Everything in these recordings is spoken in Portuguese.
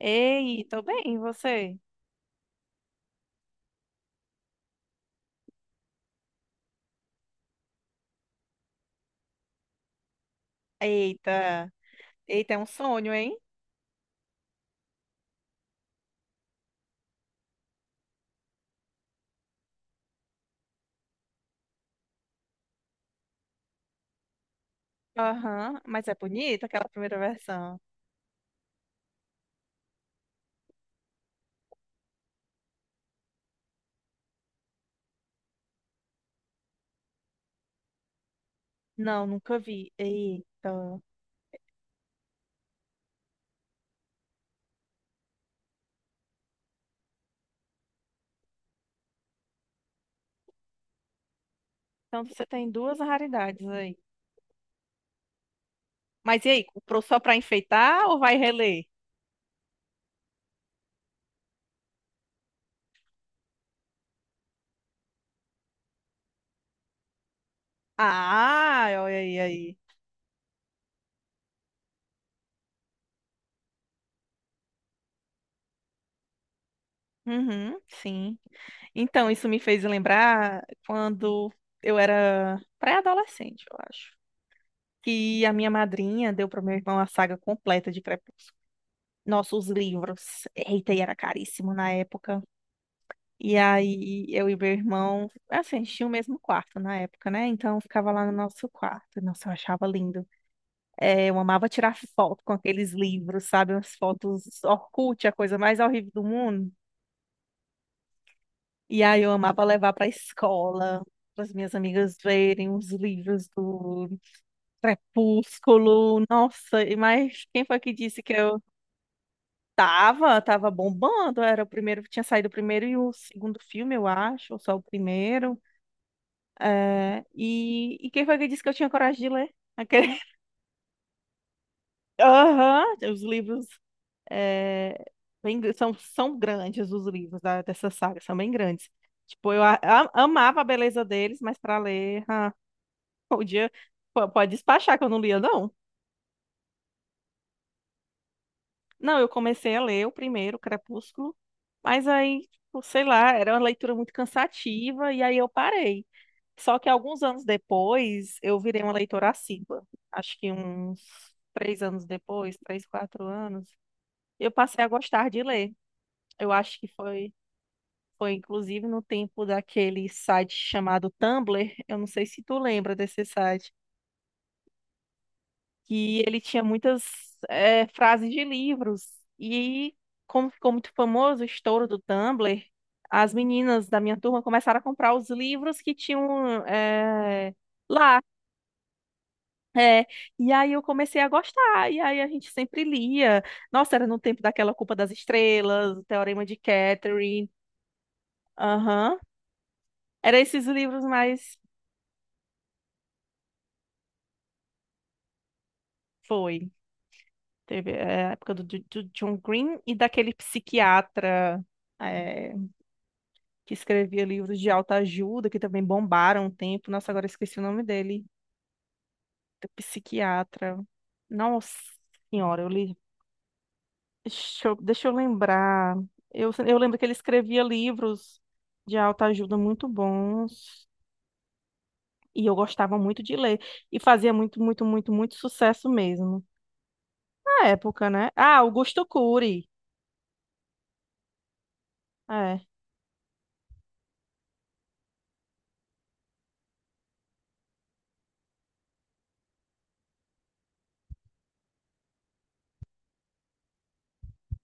Ei, tô bem, e você? Eita, eita, é um sonho, hein? Aham, mas é bonita aquela primeira versão. Não, nunca vi. Eita. Então você tem duas raridades aí. Mas e aí, comprou só pra enfeitar ou vai reler? Ah, olha aí, aí. Uhum, sim. Então, isso me fez lembrar quando eu era pré-adolescente, eu acho. Que a minha madrinha deu para meu irmão a saga completa de Crepúsculo. Nossa, os livros. Eita, e era caríssimo na época. E aí, eu e meu irmão, assim, a gente tinha o mesmo quarto na época, né? Então, ficava lá no nosso quarto. Nossa, eu achava lindo. É, eu amava tirar foto com aqueles livros, sabe? As fotos Orkut, a coisa mais horrível do mundo. E aí eu amava levar para a escola, para as minhas amigas verem os livros do Crepúsculo. Nossa, e mas quem foi que disse que eu tava bombando? Era o primeiro, tinha saído o primeiro e o segundo filme, eu acho, ou só o primeiro. É, e quem foi que disse que eu tinha coragem de ler? Aquele... Aham, os livros é, bem são, são grandes os livros dessa saga, são bem grandes. Tipo, eu amava a beleza deles, mas para ler. Podia, pode despachar que eu não lia, não. Não, eu comecei a ler o primeiro, Crepúsculo, mas aí, tipo, sei lá, era uma leitura muito cansativa e aí eu parei. Só que alguns anos depois, eu virei uma leitora assídua. Acho que uns três anos depois, três, quatro anos, eu passei a gostar de ler. Eu acho que foi, foi inclusive no tempo daquele site chamado Tumblr. Eu não sei se tu lembra desse site que ele tinha muitas frases de livros. E como ficou muito famoso o estouro do Tumblr, as meninas da minha turma começaram a comprar os livros que tinham lá. É, e aí eu comecei a gostar, e aí a gente sempre lia. Nossa, era no tempo daquela Culpa das Estrelas, o Teorema de Catherine. Aham. Era esses livros mais. Foi. Teve é, a época do John Green e daquele psiquiatra. eh, que escrevia livros de autoajuda, que também bombaram um tempo. Nossa, agora esqueci o nome dele, do psiquiatra. Nossa senhora, eu li. Deixa eu lembrar. Eu lembro que ele escrevia livros de autoajuda muito bons. E eu gostava muito de ler. E fazia muito, muito, muito, muito sucesso mesmo. Na época, né? Ah, Augusto Cury. É.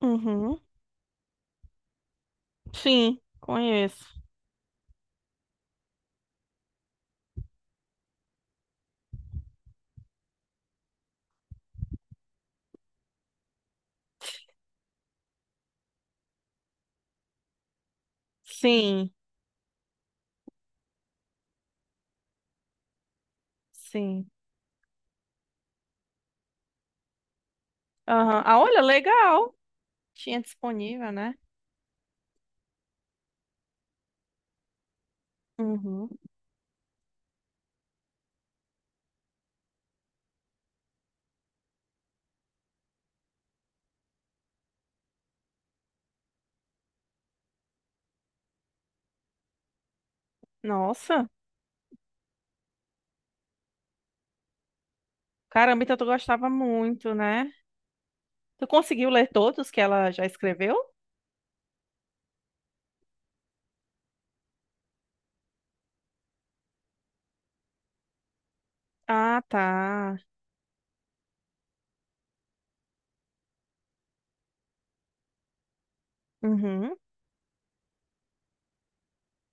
Uhum. Sim, conheço. Sim, sim. Aham. Ah, olha, legal. Tinha disponível, né? Uhum. Nossa, caramba, então tu gostava muito, né? Tu conseguiu ler todos que ela já escreveu? Ah, tá. Uhum,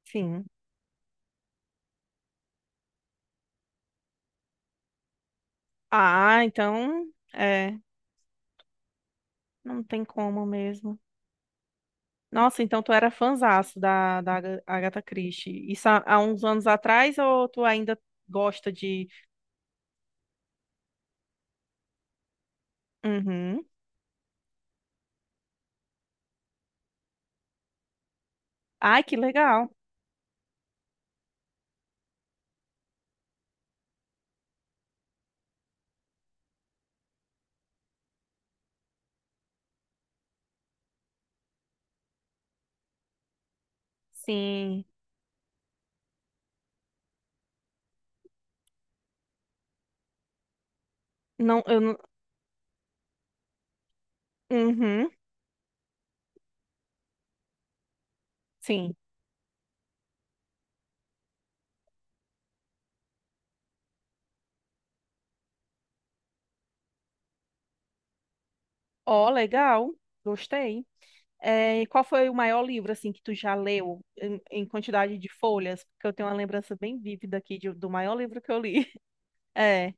sim. Ah, então, é, não tem como mesmo. Nossa, então tu era fanzaço da Agatha Christie. Isso há, há uns anos atrás ou tu ainda gosta de... Uhum. Ai, que legal. Sim. Não, eu não... Uhum, sim. Ó, legal. Gostei. É, e qual foi o maior livro assim que tu já leu em, em quantidade de folhas? Porque eu tenho uma lembrança bem vívida aqui do maior livro que eu li. É,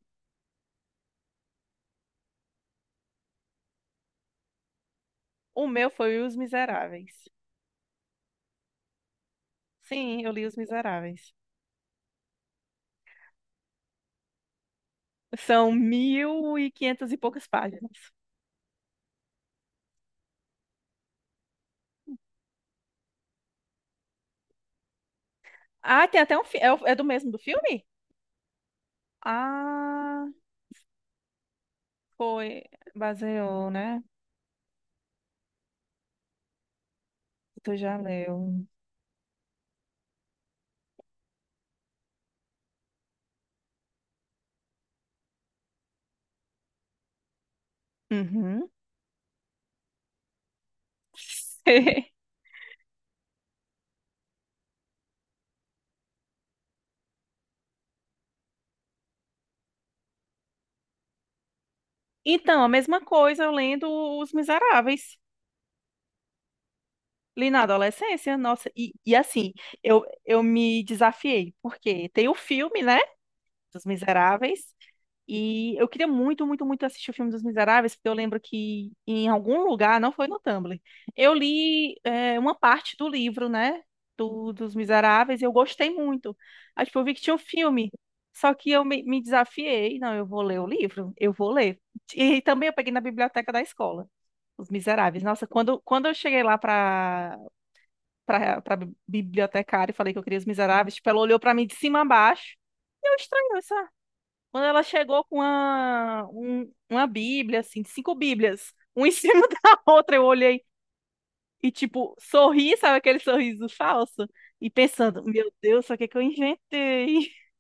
o meu foi Os Miseráveis. Sim, eu li Os Miseráveis. São mil e quinhentas e poucas páginas. Ah, tem até um é do mesmo do filme? Ah, foi baseou, né? Tu já leu? Uhum. Então, a mesma coisa eu lendo Os Miseráveis. Li na adolescência, nossa, e assim, eu me desafiei, porque tem o filme, né, dos Miseráveis, e eu queria muito, muito, muito assistir o filme dos Miseráveis, porque eu lembro que em algum lugar, não foi no Tumblr, eu li é, uma parte do livro, né, dos Miseráveis, e eu gostei muito. Aí, tipo, eu vi que tinha um filme, só que eu me desafiei, não, eu vou ler o livro, eu vou ler. E, também eu peguei na biblioteca da escola, Os Miseráveis. Nossa, quando eu cheguei lá para pra bibliotecária e falei que eu queria Os Miseráveis. Tipo, ela olhou pra mim de cima a baixo. E eu estranhei, sabe? Quando ela chegou com uma Bíblia, assim, de cinco Bíblias, uma em cima da outra, eu olhei e, tipo, sorri, sabe aquele sorriso falso? E pensando, meu Deus, o que é que eu inventei?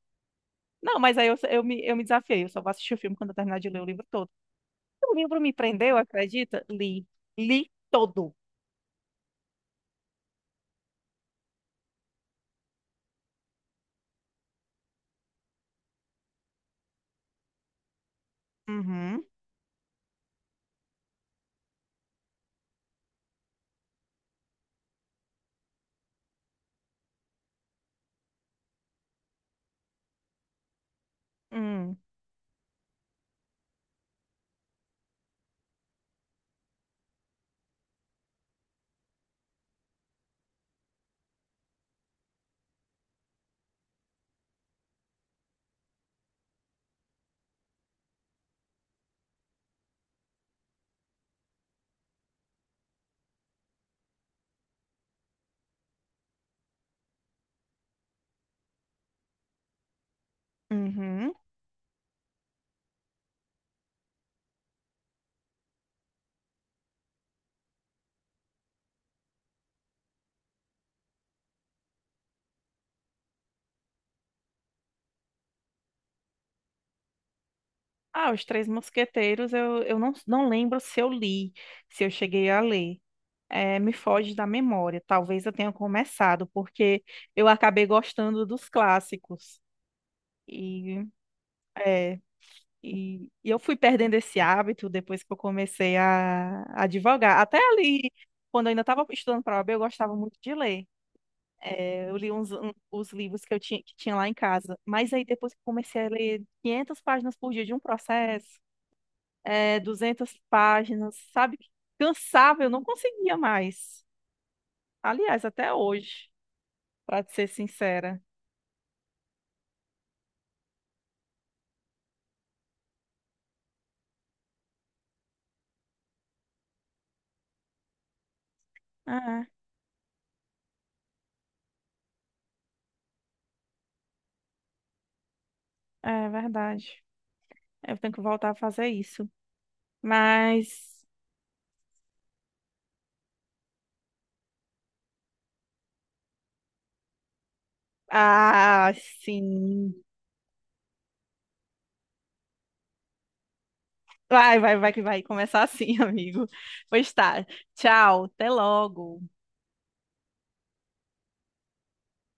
Não, mas aí eu me desafiei, eu só vou assistir o filme quando eu terminar de ler o livro todo. O livro me prendeu, acredita? Li. Li todo. Uhum. Hum. Uhum. Ah, Os Três Mosqueteiros, eu não, não lembro se eu li, se eu cheguei a ler. É, me foge da memória. Talvez eu tenha começado, porque eu acabei gostando dos clássicos. E, é, e eu fui perdendo esse hábito depois que eu comecei a advogar. Até ali, quando eu ainda estava estudando para a OAB, eu gostava muito de ler. É, eu li os livros que eu tinha, que tinha lá em casa. Mas aí depois que eu comecei a ler 500 páginas por dia de um processo, é, 200 páginas, sabe? Cansava, eu não conseguia mais. Aliás, até hoje, para ser sincera. Ah, é é verdade. Eu tenho que voltar a fazer isso. Mas, ah, sim. Vai que vai começar assim, amigo. Pois tá. Tchau, até logo.